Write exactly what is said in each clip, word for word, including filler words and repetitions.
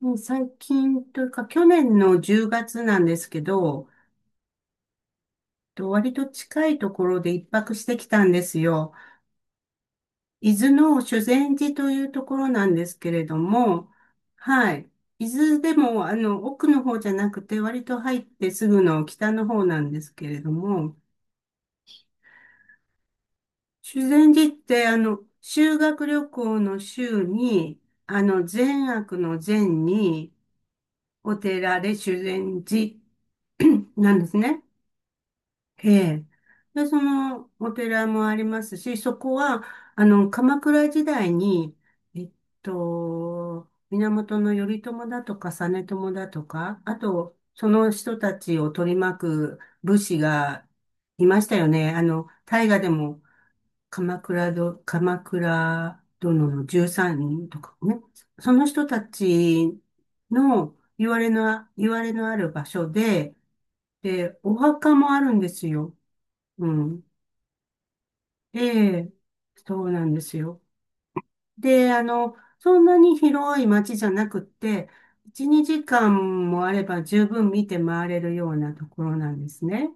もう最近というか、去年のじゅうがつなんですけど、と割と近いところで一泊してきたんですよ。伊豆の修善寺というところなんですけれども、はい。伊豆でも、あの、奥の方じゃなくて、割と入ってすぐの北の方なんですけれども、修善寺って、あの、修学旅行の修に、あの、善悪の善に、お寺で修善寺なんですね。ええ。で、そのお寺もありますし、そこは、あの、鎌倉時代に、えっと、源頼朝だとか実朝だとか、あと、その人たちを取り巻く武士がいましたよね。あの、大河でも鎌倉ど、鎌倉殿のじゅうさんにんとかね。その人たちの言われの、言われのある場所で、で、お墓もあるんですよ。うん。ええ、そうなんですよ。で、あの、そんなに広い街じゃなくって、いち、にじかんもあれば十分見て回れるようなところなんですね。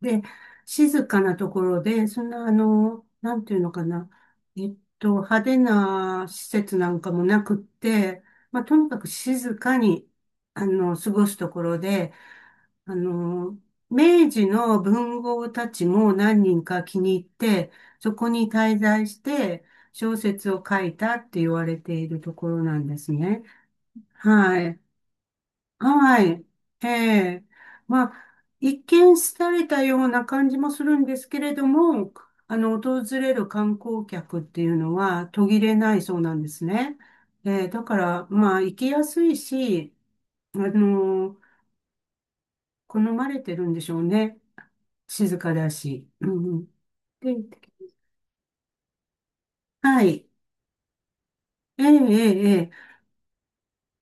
で、静かなところで、そんな、あの、なんていうのかな、えっと、派手な施設なんかもなくって、まあ、とにかく静かに、あの、過ごすところで、あの、明治の文豪たちも何人か気に入って、そこに滞在して小説を書いたって言われているところなんですね。はい。はい。ええ。まあ、一見廃れたような感じもするんですけれども、あの、訪れる観光客っていうのは途切れないそうなんですね。ええ、だから、まあ、行きやすいし、あの、好まれてるんでしょうね。静かだし。うん、うん。で、はい。ええ、ええ、ええ。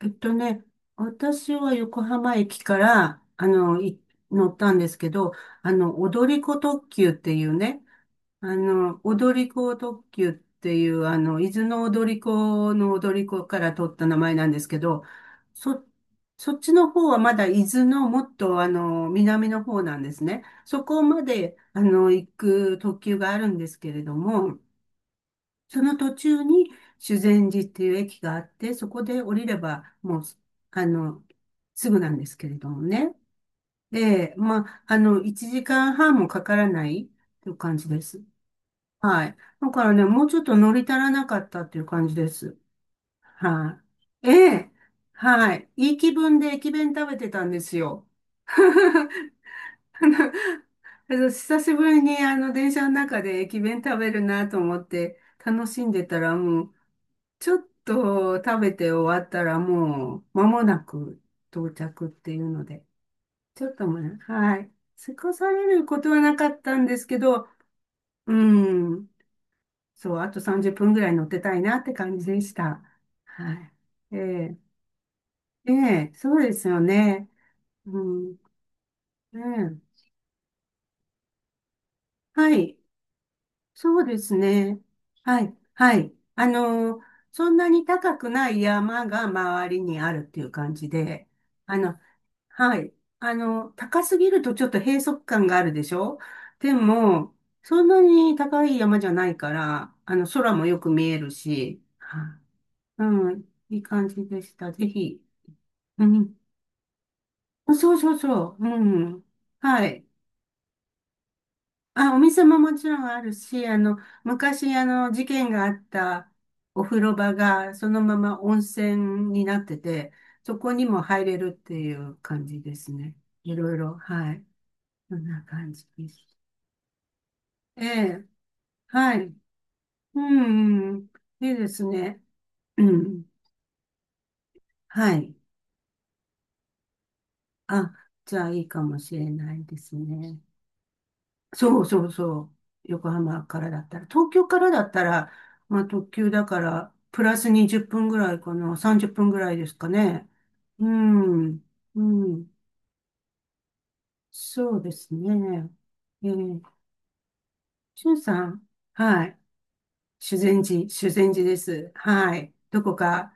えっとね、私は横浜駅から、あの、い乗ったんですけど、あの、踊り子特急っていうね、あの、踊り子特急っていう、あの、伊豆の踊り子の踊り子から取った名前なんですけど、そ、そっちの方はまだ伊豆のもっと、あの、南の方なんですね。そこまで、あの、行く特急があるんですけれども、その途中に修善寺っていう駅があって、そこで降りれば、もう、あの、すぐなんですけれどもね。えまあ、あの、いちじかんはんもかからないという感じです。はい。だからね、もうちょっと乗り足らなかったっていう感じです。はい。ええ、はい。いい気分で駅弁食べてたんですよ。あのあの久しぶりにあの電車の中で駅弁食べるなと思って楽しんでたらもうちょっと食べて終わったらもう間もなく到着っていうので、ちょっともね、はい。過ごされることはなかったんですけど、うん。そう、あとさんじゅっぷんぐらい乗ってたいなって感じでした。はい。ええ、ええ、そうですよね。うん。ええ、はい。そうですね。はい、はい。あの、そんなに高くない山が周りにあるっていう感じで、あの、はい。あの、高すぎるとちょっと閉塞感があるでしょ。でも、そんなに高い山じゃないから、あの、空もよく見えるし、はい、うん、いい感じでした。ぜひ。うん。そうそうそう。うん。はい。あ、お店ももちろんあるし、あの、昔、あの、事件があったお風呂場が、そのまま温泉になってて、そこにも入れるっていう感じですね。いろいろ、はい。そんな感じです。ええ、はい。うん、うん、いいですね。うん、はい。あ、じゃあいいかもしれないですね。そうそうそう。横浜からだったら。東京からだったら、まあ特急だから、プラスにじゅっぷんぐらいかな。さんじゅっぷんぐらいですかね。うん。うん。そうですね。えー、しゅんさん。はい。修善寺、修善寺です。はい。どこか、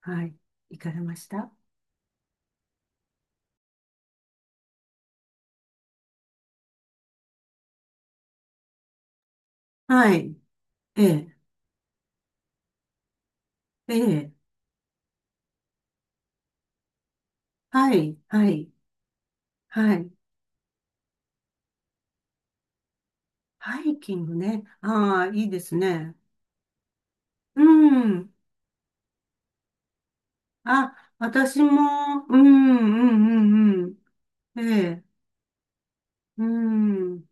はい。行かれました？はい。ええ、ええ、はい、はい、はい。ハイキングね。ああ、いいですね。うん。あ、私も、うん、うん、うん、うん。ええ、うん、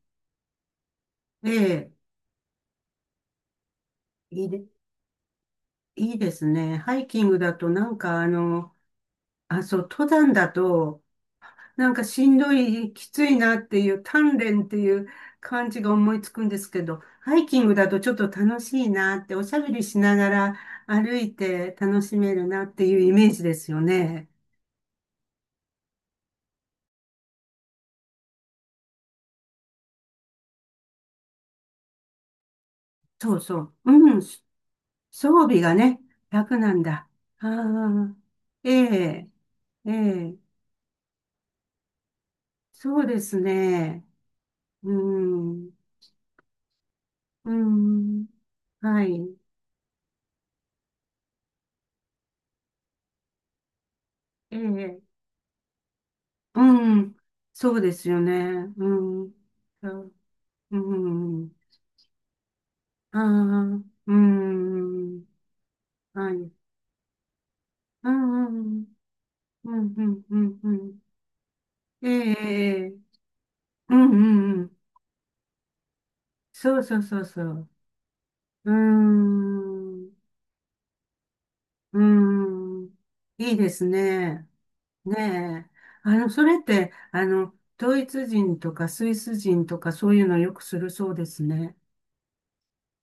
ええ、いいで、いいですね。ハイキングだと、なんかあの、あ、そう、登山だと、なんかしんどい、きついなっていう、鍛錬っていう感じが思いつくんですけど、ハイキングだとちょっと楽しいなって、おしゃべりしながら歩いて楽しめるなっていうイメージですよね。そうそう。うん、装備がね、楽なんだ。ああ、ええ、ええ、そうですね。うん、うん、はい、ええ、うん、そうですよね。うん、あ、うん、ああ、うん、はい、うん、うん、うん、うん、うん、ええ、ええ、うん、うん、うん、そうそうそうそう。うん、うん、いいですね。ねえ。あの、それって、あの、ドイツ人とかスイス人とかそういうのよくするそうですね。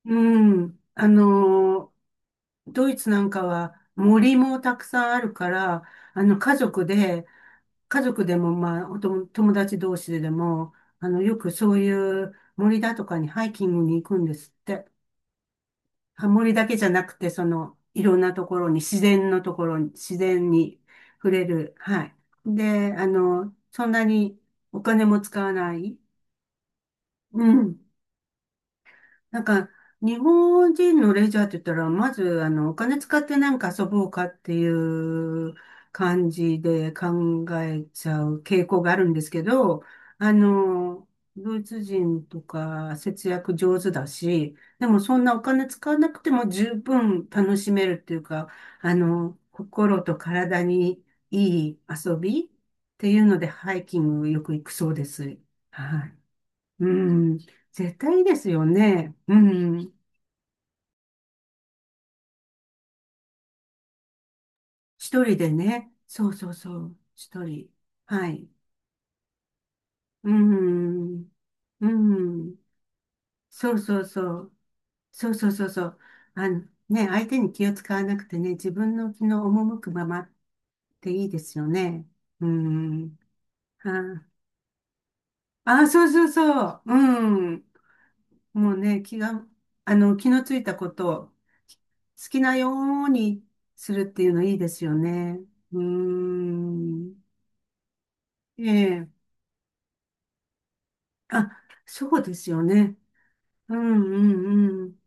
うん。あの、ドイツなんかは森もたくさんあるから、あの、家族で、家族でも、まあ、おとも友達同士ででも、あの、よくそういう森だとかにハイキングに行くんですって。ハモリだけじゃなくて、その、いろんなところに、自然のところに、自然に触れる。はい。で、あの、そんなにお金も使わない。うん。なんか、日本人のレジャーって言ったら、まず、あの、お金使ってなんか遊ぼうかっていう感じで考えちゃう傾向があるんですけど、あの、ドイツ人とか節約上手だし、でもそんなお金使わなくても十分楽しめるっていうか、あの、心と体にいい遊びっていうので、ハイキングよく行くそうです。はい。うん、絶対ですよね。うん、一人でね。そうそうそう、一人。はい。うん、うん、そうそうそう、そうそうそうそう。あの、ね、相手に気を使わなくてね、自分の気の赴くままっていいですよね。うん、あ、あ、そうそうそう、うん、もうね、気が、あの、気のついたことを好きなようにするっていうのいいですよね。うーん。ええ。あ、そうですよね。うん、うん、うん。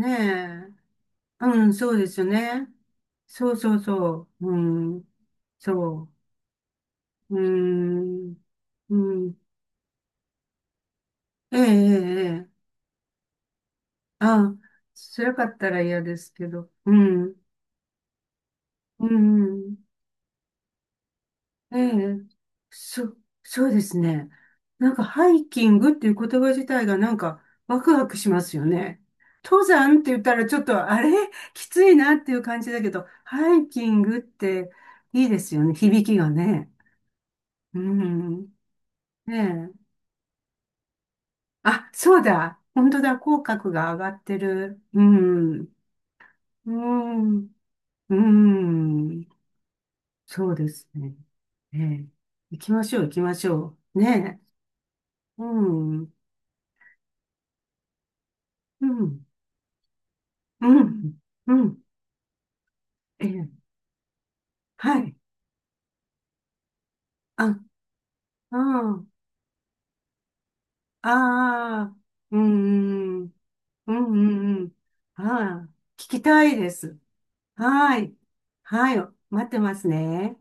ねえ。うん、そうですよね。そうそうそう。うん。そう。うーん。うん。ええ、ええ、ええ。あ、辛かったら嫌ですけど。うん。うん、うん。ええ、そ、そうですね。なんかハイキングっていう言葉自体がなんかワクワクしますよね。登山って言ったらちょっとあれ きついなっていう感じだけど、ハイキングっていいですよね。響きがね。うん。ねえ。あ、そうだ。本当だ。口角が上がってる。うん。うん。うん。そうですね。ええ。行きましょう、行きましょう。ねえ。うん。うん。うん。うん。ええ。はい。あ、うん。ああ。うん。うん。うん。うん。ああ。聞きたいです。はい。はい。待ってますね。